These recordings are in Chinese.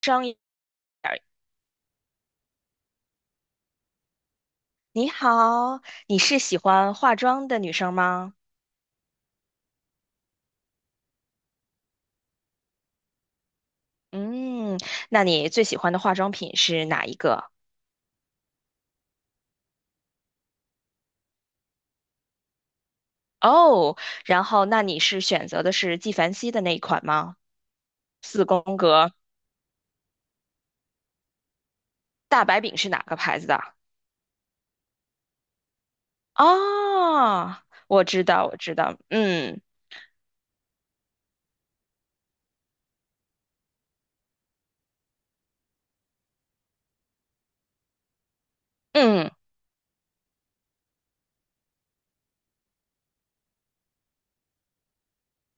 妆你好，你是喜欢化妆的女生吗？嗯，那你最喜欢的化妆品是哪一个？哦，然后那你是选择的是纪梵希的那一款吗？四宫格大白饼是哪个牌子的？哦，我知道，我知道，嗯嗯，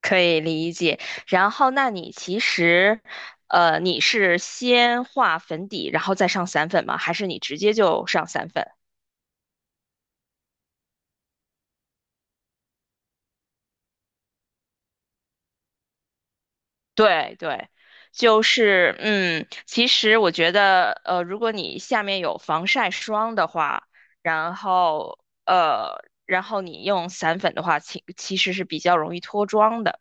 可以理解。然后，那你其实，你是先画粉底，然后再上散粉吗？还是你直接就上散粉？对对，就是其实我觉得，如果你下面有防晒霜的话，然后然后你用散粉的话，其实是比较容易脱妆的。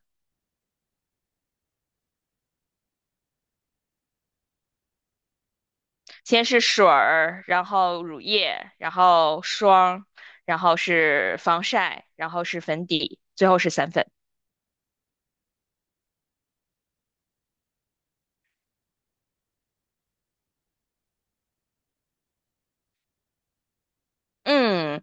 先是水儿，然后乳液，然后霜，然后是防晒，然后是粉底，最后是散粉。嗯，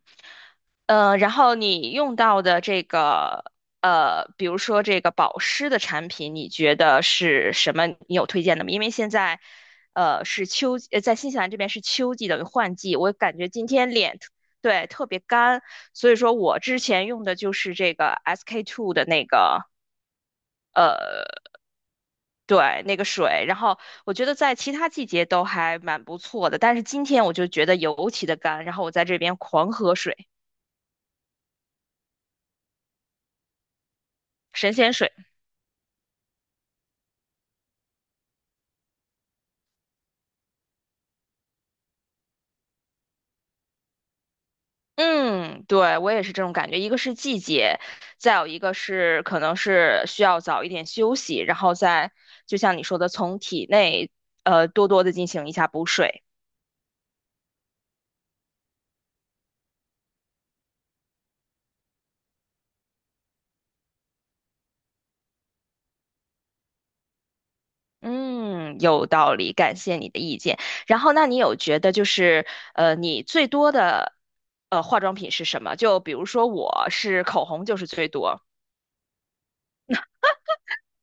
然后你用到的这个，比如说这个保湿的产品，你觉得是什么？你有推荐的吗？因为现在，是秋季，在新西兰这边是秋季，等于换季。我感觉今天脸对，特别干，所以说我之前用的就是这个 SK two 的那个，呃，对，那个水。然后我觉得在其他季节都还蛮不错的，但是今天我就觉得尤其的干，然后我在这边狂喝水，神仙水。嗯，对，我也是这种感觉。一个是季节，再有一个是可能是需要早一点休息，然后再就像你说的，从体内多多的进行一下补水。嗯，有道理，感谢你的意见。然后，那你有觉得就是你最多的化妆品是什么？就比如说我是口红就是最多。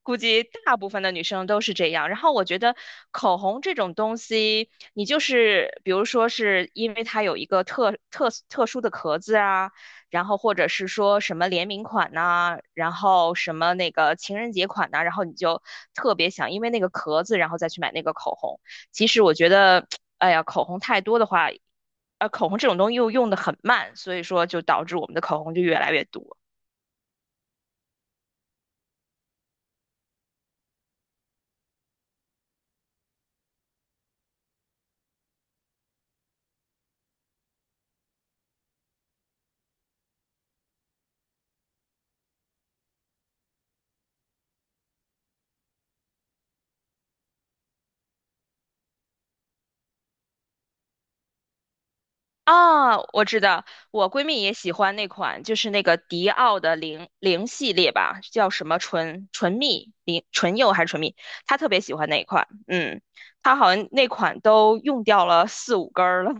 估计大部分的女生都是这样。然后我觉得口红这种东西，你就是比如说是因为它有一个特殊的壳子啊，然后或者是说什么联名款呐、然后什么那个情人节款呐、然后你就特别想因为那个壳子，然后再去买那个口红。其实我觉得，哎呀，口红太多的话，口红这种东西又用的很慢，所以说就导致我们的口红就越来越多。啊，我知道，我闺蜜也喜欢那款，就是那个迪奥的零零系列吧，叫什么唇蜜零唇釉还是唇蜜，她特别喜欢那一款，嗯，她好像那款都用掉了四五根儿了，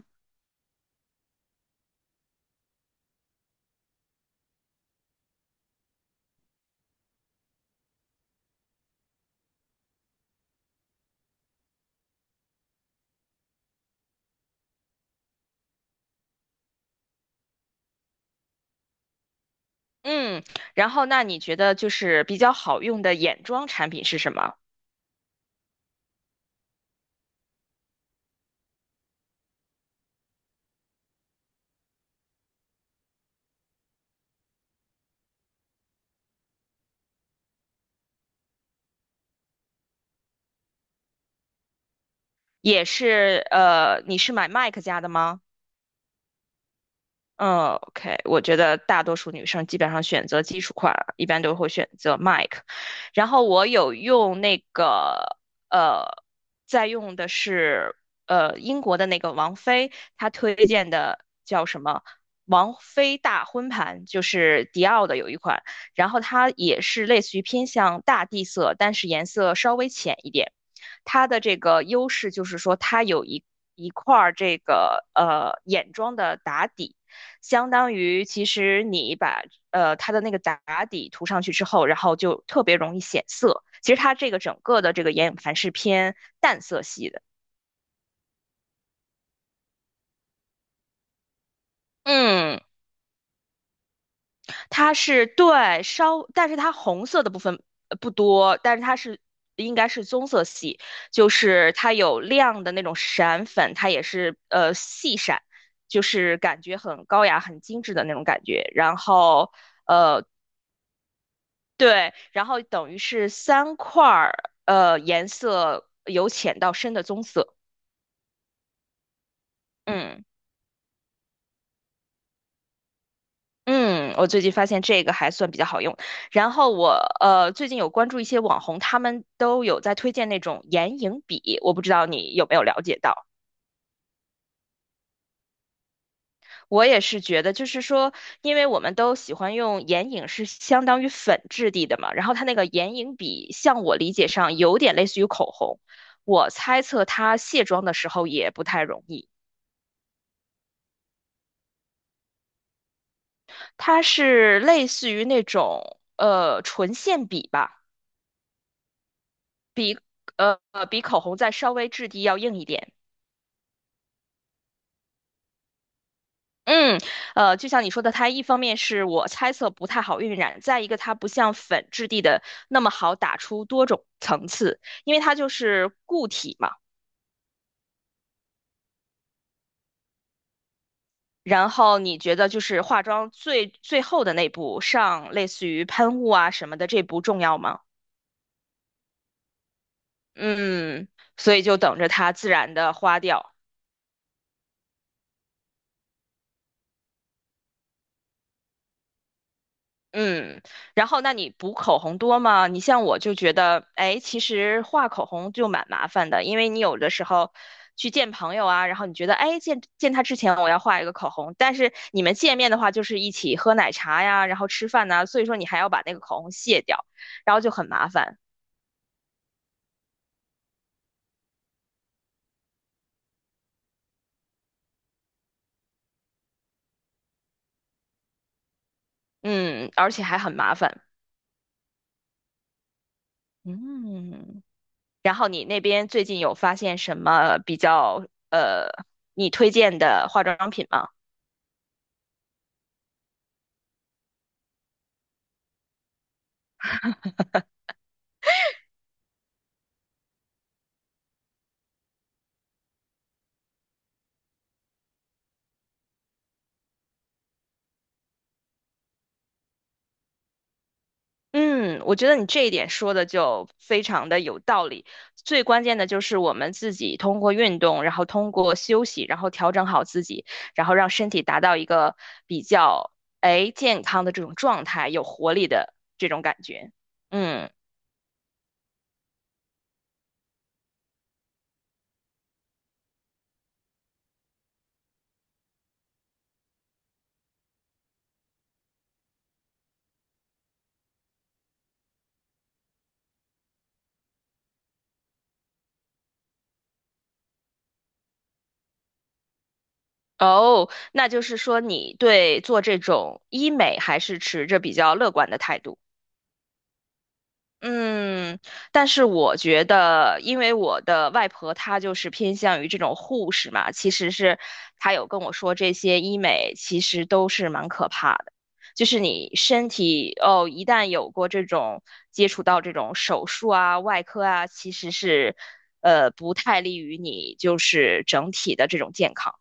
嗯，然后那你觉得就是比较好用的眼妆产品是什么？也是，你是买 MAC 家的吗？嗯 OK 我觉得大多数女生基本上选择基础款，一般都会选择 Mike。然后我有用那个，呃，在用的是英国的那个王菲，她推荐的叫什么？王菲大婚盘，就是迪奥的有一款，然后它也是类似于偏向大地色，但是颜色稍微浅一点。它的这个优势就是说，它有一块儿这个眼妆的打底。相当于其实你把它的那个打底涂上去之后，然后就特别容易显色。其实它这个整个的这个眼影盘是偏淡色系的，嗯，它是对稍，但是它红色的部分不多，但是它应该是棕色系，就是它有亮的那种闪粉，它也是细闪。就是感觉很高雅、很精致的那种感觉，然后呃，对，然后等于是三块儿，颜色由浅到深的棕色。嗯嗯，我最近发现这个还算比较好用。然后我最近有关注一些网红，他们都有在推荐那种眼影笔，我不知道你有没有了解到。我也是觉得，就是说，因为我们都喜欢用眼影，是相当于粉质地的嘛。然后它那个眼影笔，像我理解上有点类似于口红，我猜测它卸妆的时候也不太容易。它是类似于那种唇线笔吧，比口红再稍微质地要硬一点。嗯，就像你说的，它一方面是我猜测不太好晕染，再一个它不像粉质地的那么好打出多种层次，因为它就是固体嘛。然后你觉得就是化妆最后的那步上类似于喷雾啊什么的这步重要吗？嗯，所以就等着它自然的花掉。嗯，然后那你补口红多吗？你像我就觉得，哎，其实画口红就蛮麻烦的，因为你有的时候去见朋友啊，然后你觉得，哎，见见他之前我要画一个口红，但是你们见面的话就是一起喝奶茶呀，然后吃饭呐，所以说你还要把那个口红卸掉，然后就很麻烦，嗯，而且还很麻烦，嗯。然后你那边最近有发现什么比较你推荐的化妆品吗？嗯，我觉得你这一点说的就非常的有道理。最关键的就是我们自己通过运动，然后通过休息，然后调整好自己，然后让身体达到一个比较健康的这种状态，有活力的这种感觉。嗯，哦，那就是说你对做这种医美还是持着比较乐观的态度。嗯，但是我觉得，因为我的外婆她就是偏向于这种护士嘛，其实是她有跟我说，这些医美其实都是蛮可怕的，就是你身体哦，一旦有过这种接触到这种手术啊、外科啊，其实是不太利于你就是整体的这种健康。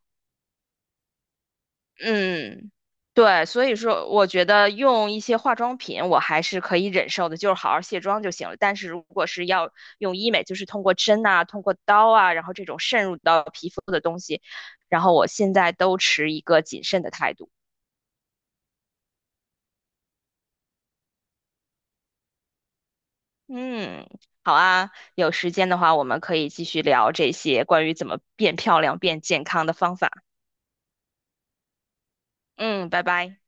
嗯，对，所以说我觉得用一些化妆品我还是可以忍受的，就是好好卸妆就行了。但是如果是要用医美，就是通过针啊、通过刀啊，然后这种渗入到皮肤的东西，然后我现在都持一个谨慎的态度。嗯，好啊，有时间的话我们可以继续聊这些关于怎么变漂亮、变健康的方法。嗯，拜拜。